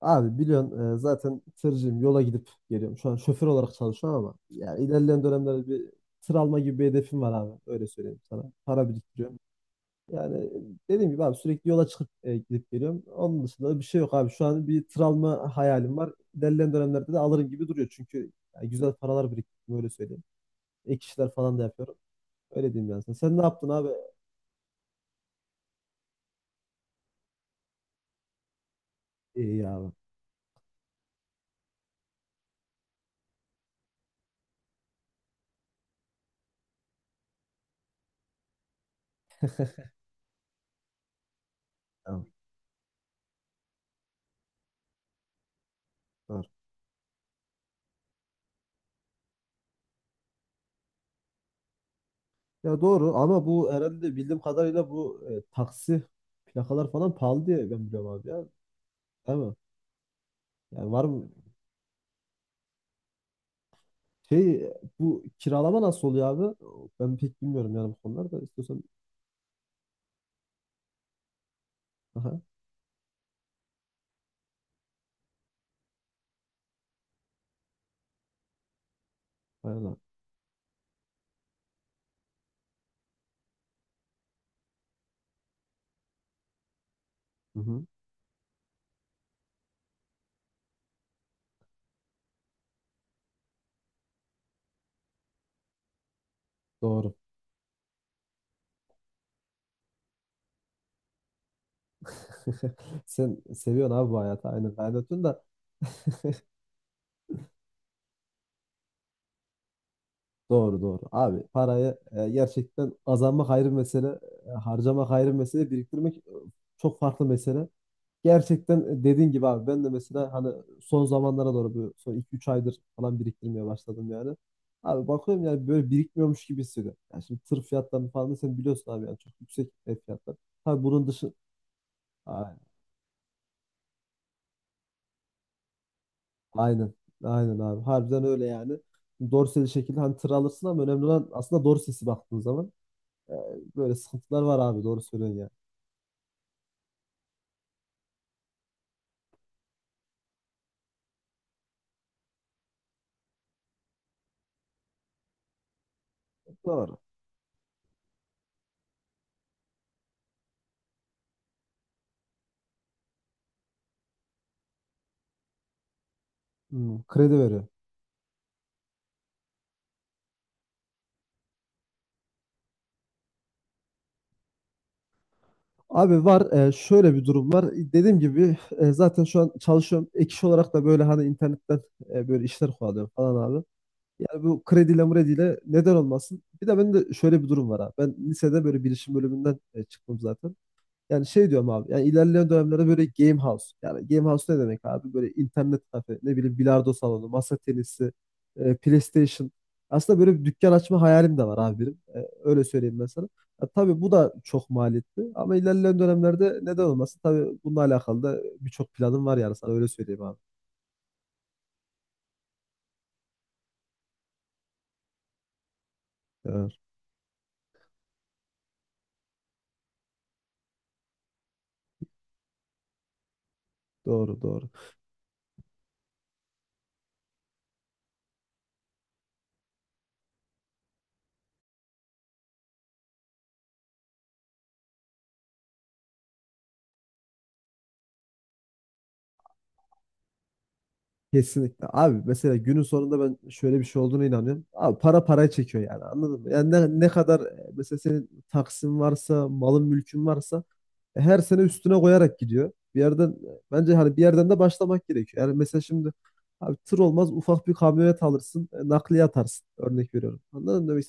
Abi biliyorsun, zaten tırcıyım, yola gidip geliyorum. Şu an şoför olarak çalışıyorum ama yani ilerleyen dönemlerde bir tır alma gibi bir hedefim var abi. Öyle söyleyeyim sana. Para biriktiriyorum. Yani dediğim gibi abi sürekli yola çıkıp gidip geliyorum. Onun dışında da bir şey yok abi. Şu an bir tır alma hayalim var. İlerleyen dönemlerde de alırım gibi duruyor. Çünkü yani güzel paralar biriktirdim, öyle söyleyeyim. Ek işler falan da yapıyorum. Öyle diyeyim yani sana. Sen ne yaptın abi? İyi ya abi. Tamam. Tamam. Ya doğru, ama bu herhalde bildiğim kadarıyla bu taksi plakalar falan pahalı diye ben biliyorum abi ya. Değil mi? Yani var mı? Şey, bu kiralama nasıl oluyor abi? Ben pek bilmiyorum yani bu konuları da istiyorsan. Aha, aynen abi. Hı hı, doğru. Sen seviyorsun abi bu hayatı. Aynen kaynatıyorsun da. Doğru doğru. Abi parayı gerçekten kazanmak ayrı bir mesele. Harcamak ayrı bir mesele. Biriktirmek çok farklı mesele. Gerçekten, dediğin gibi abi, ben de mesela hani son zamanlara doğru, bu son iki üç aydır falan biriktirmeye başladım yani. Abi bakıyorum yani böyle birikmiyormuş gibi hissediyorum. Yani şimdi tır fiyatlarını falan da sen biliyorsun abi, yani çok yüksek ev fiyatları. Tabii bunun dışı... A- aynen, aynen abi, harbiden öyle yani. Dorseli şekilde hani tır alırsın ama önemli olan aslında dorsesi, baktığın zaman e, böyle sıkıntılar var abi, doğru söylüyorsun yani. Doğru. Hmm, kredi veriyor. Abi var, şöyle bir durum var. Dediğim gibi, zaten şu an çalışıyorum. Ek iş olarak da böyle hani internetten böyle işler kovalıyorum falan abi. Yani bu krediyle mrediyle neden olmasın? Bir de bende şöyle bir durum var abi. Ben lisede böyle bilişim bölümünden çıktım zaten. Yani şey diyorum abi. Yani ilerleyen dönemlerde böyle game house. Yani game house ne demek abi? Böyle internet kafe, ne bileyim, bilardo salonu, masa tenisi, PlayStation. Aslında böyle bir dükkan açma hayalim de var abi benim. Öyle söyleyeyim ben sana. Ya tabii bu da çok maliyetli ama ilerleyen dönemlerde neden olmasın? Tabii bununla alakalı da birçok planım var yani, sana öyle söyleyeyim abi. Evet, doğru doğru. Kesinlikle. Abi mesela günün sonunda ben şöyle bir şey olduğunu inanıyorum. Abi para parayı çekiyor yani, anladın mı? Yani ne, ne kadar mesela senin taksin varsa, malın mülkün varsa, her sene üstüne koyarak gidiyor. Bir yerden, bence hani bir yerden de başlamak gerekiyor. Yani mesela şimdi abi, tır olmaz, ufak bir kamyonet alırsın, nakliye atarsın. Örnek veriyorum. Anladın mı?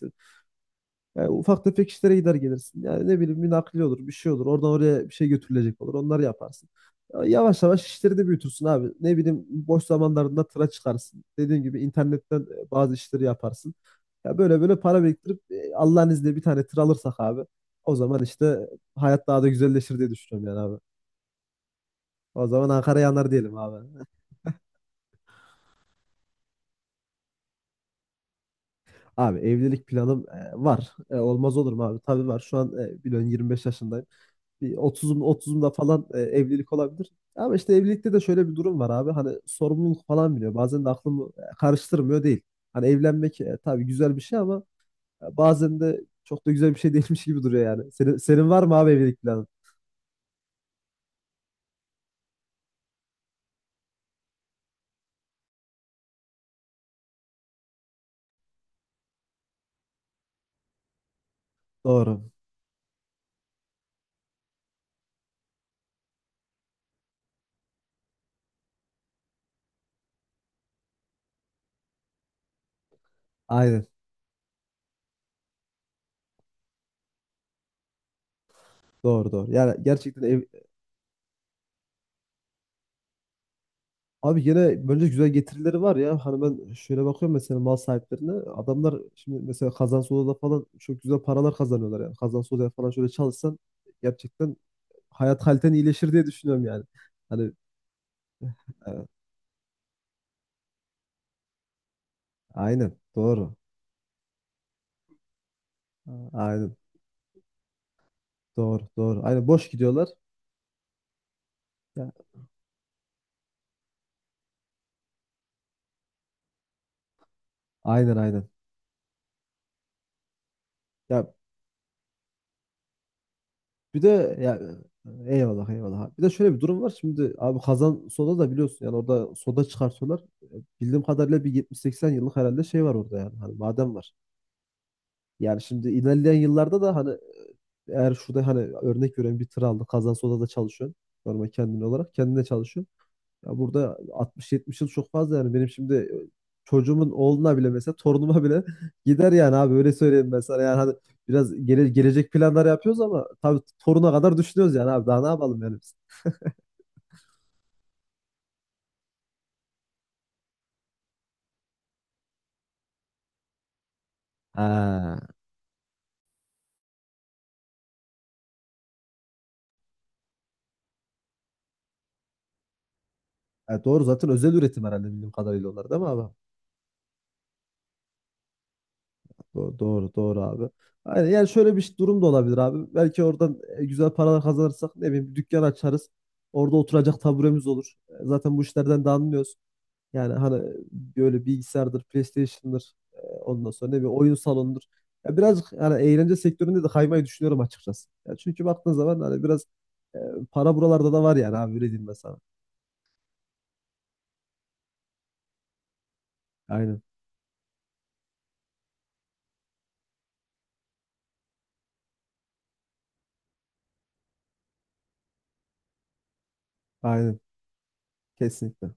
Yani ufak tefek işlere gider gelirsin. Yani ne bileyim, bir nakliye olur, bir şey olur. Oradan oraya bir şey götürülecek olur. Onları yaparsın. Ya, yavaş yavaş işleri de büyütürsün abi. Ne bileyim, boş zamanlarında tıra çıkarsın. Dediğim gibi internetten bazı işleri yaparsın. Ya böyle böyle para biriktirip Allah'ın izniyle bir tane tır alırsak abi, o zaman işte hayat daha da güzelleşir diye düşünüyorum yani abi. O zaman Ankara yanar diyelim abi. Abi evlilik planım var. Olmaz olur mu abi? Tabii var. Şu an, biliyorsun, 25 yaşındayım. Bir 30'umda falan evlilik olabilir. Ama işte evlilikte de şöyle bir durum var abi. Hani sorumluluk falan biliyor. Bazen de aklımı karıştırmıyor değil. Hani evlenmek, tabii güzel bir şey ama bazen de çok da güzel bir şey değilmiş gibi duruyor yani. Senin var mı abi evlilik planı? Doğru. Aynen. Doğru doğru. Yani gerçekten ev... Abi yine böyle güzel getirileri var ya. Hani ben şöyle bakıyorum mesela mal sahiplerine. Adamlar şimdi mesela Kazancı Oda'da falan çok güzel paralar kazanıyorlar yani. Kazancı Oda'ya falan şöyle çalışsan gerçekten hayat haliten iyileşir diye düşünüyorum yani. Hani e, aynen doğru. Aynen, doğru doğru. Aynen, boş gidiyorlar. Ya, aynen aynen. Ya, bir de ya, eyvallah eyvallah. Bir de şöyle bir durum var. Şimdi abi, Kazan Soda da biliyorsun, yani orada soda çıkartıyorlar. Bildiğim kadarıyla bir 70-80 yıllık herhalde şey var orada yani. Hani maden var. Yani şimdi ilerleyen yıllarda da hani, eğer şurada hani örnek veriyorum bir tır aldı. Kazan Soda'da çalışıyorsun. Normal kendin olarak kendine çalışıyorsun. Ya burada 60-70 yıl çok fazla yani. Benim şimdi çocuğumun oğluna bile, mesela torunuma bile gider yani abi, öyle söyleyeyim ben sana. Yani hadi biraz gelecek planlar yapıyoruz ama tabii toruna kadar düşünüyoruz yani abi, daha ne yapalım yani biz. Ha. Evet, doğru, zaten özel üretim herhalde bildiğim kadarıyla onlar, değil mi abi? Doğru doğru, doğru abi. Aynen, yani şöyle bir durum da olabilir abi. Belki oradan güzel paralar kazanırsak, ne bileyim, bir dükkan açarız. Orada oturacak taburemiz olur. Zaten bu işlerden de anlıyoruz. Yani hani böyle bilgisayardır, PlayStation'dır, ondan sonra ne bileyim oyun salonudur. Ya birazcık yani eğlence sektöründe de kaymayı düşünüyorum açıkçası. Ya çünkü baktığın zaman hani biraz e, para buralarda da var yani abi, öyle diyeyim ben sana. Aynen. Aynen. Kesinlikle.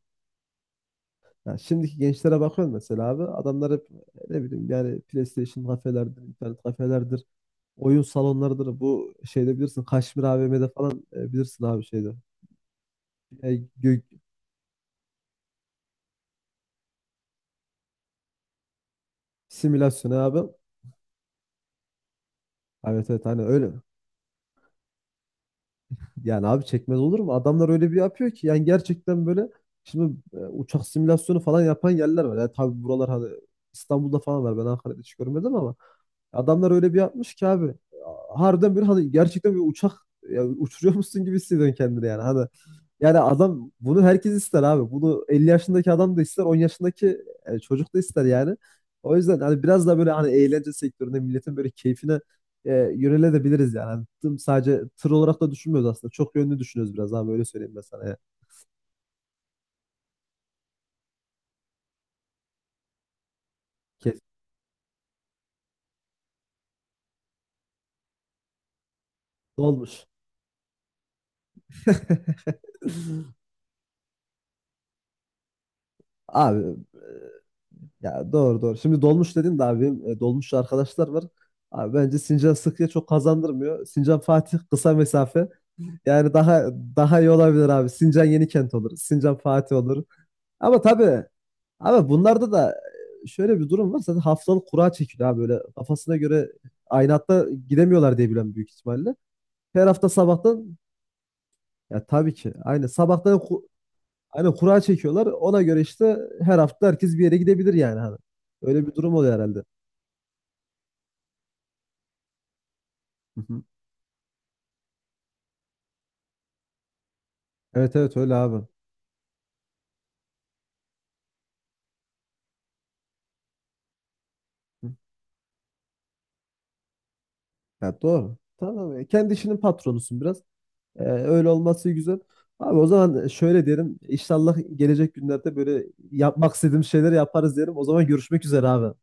Ya şimdiki gençlere bakıyorum mesela abi. Adamlar hep, ne bileyim, yani PlayStation kafelerdir, internet kafelerdir, oyun salonlarıdır. Bu şeyde bilirsin Kaşmir AVM'de falan, bilirsin abi şeyde. E, gö- simülasyon abi. Evet evet, hani öyle. Yani abi, çekmez olur mu? Adamlar öyle bir yapıyor ki yani, gerçekten böyle şimdi uçak simülasyonu falan yapan yerler var. Yani tabii buralar hani İstanbul'da falan var. Ben Ankara'da hiç görmedim ama adamlar öyle bir yapmış ki abi. Harbiden bir hani gerçekten bir uçak, ya uçuruyor musun gibi hissediyorsun kendini yani. Hani yani, adam, bunu herkes ister abi. Bunu 50 yaşındaki adam da ister, 10 yaşındaki çocuk da ister yani. O yüzden hani biraz da böyle hani eğlence sektöründe milletin böyle keyfine yönelebiliriz yani. Hani sadece tır olarak da düşünmüyoruz aslında. Çok yönlü düşünüyoruz biraz abi, öyle söyleyeyim ben sana. Yani. Kes. Dolmuş. Abi e, ya doğru doğru. Şimdi dolmuş dedin de abi, benim dolmuşçu arkadaşlar var. Abi bence Sincan Sıkıya çok kazandırmıyor. Sincan Fatih kısa mesafe. Yani daha, daha iyi olabilir abi. Sincan Yenikent olur. Sincan Fatih olur. Ama tabii abi bunlarda da şöyle bir durum var. Zaten haftalık kura çekiliyor abi, böyle kafasına göre aynı hatta gidemiyorlar diye biliyorum, büyük ihtimalle. Her hafta sabahtan, ya tabii ki aynı sabahtan aynı kura çekiyorlar. Ona göre işte her hafta herkes bir yere gidebilir yani hani. Öyle bir durum oluyor herhalde. Hı hı. Evet evet, öyle abi. Hı. Ya doğru. Tamam ya. Kendi işinin patronusun biraz. Öyle olması güzel. Abi o zaman şöyle derim. İnşallah gelecek günlerde böyle yapmak istediğim şeyleri yaparız derim. O zaman görüşmek üzere abi.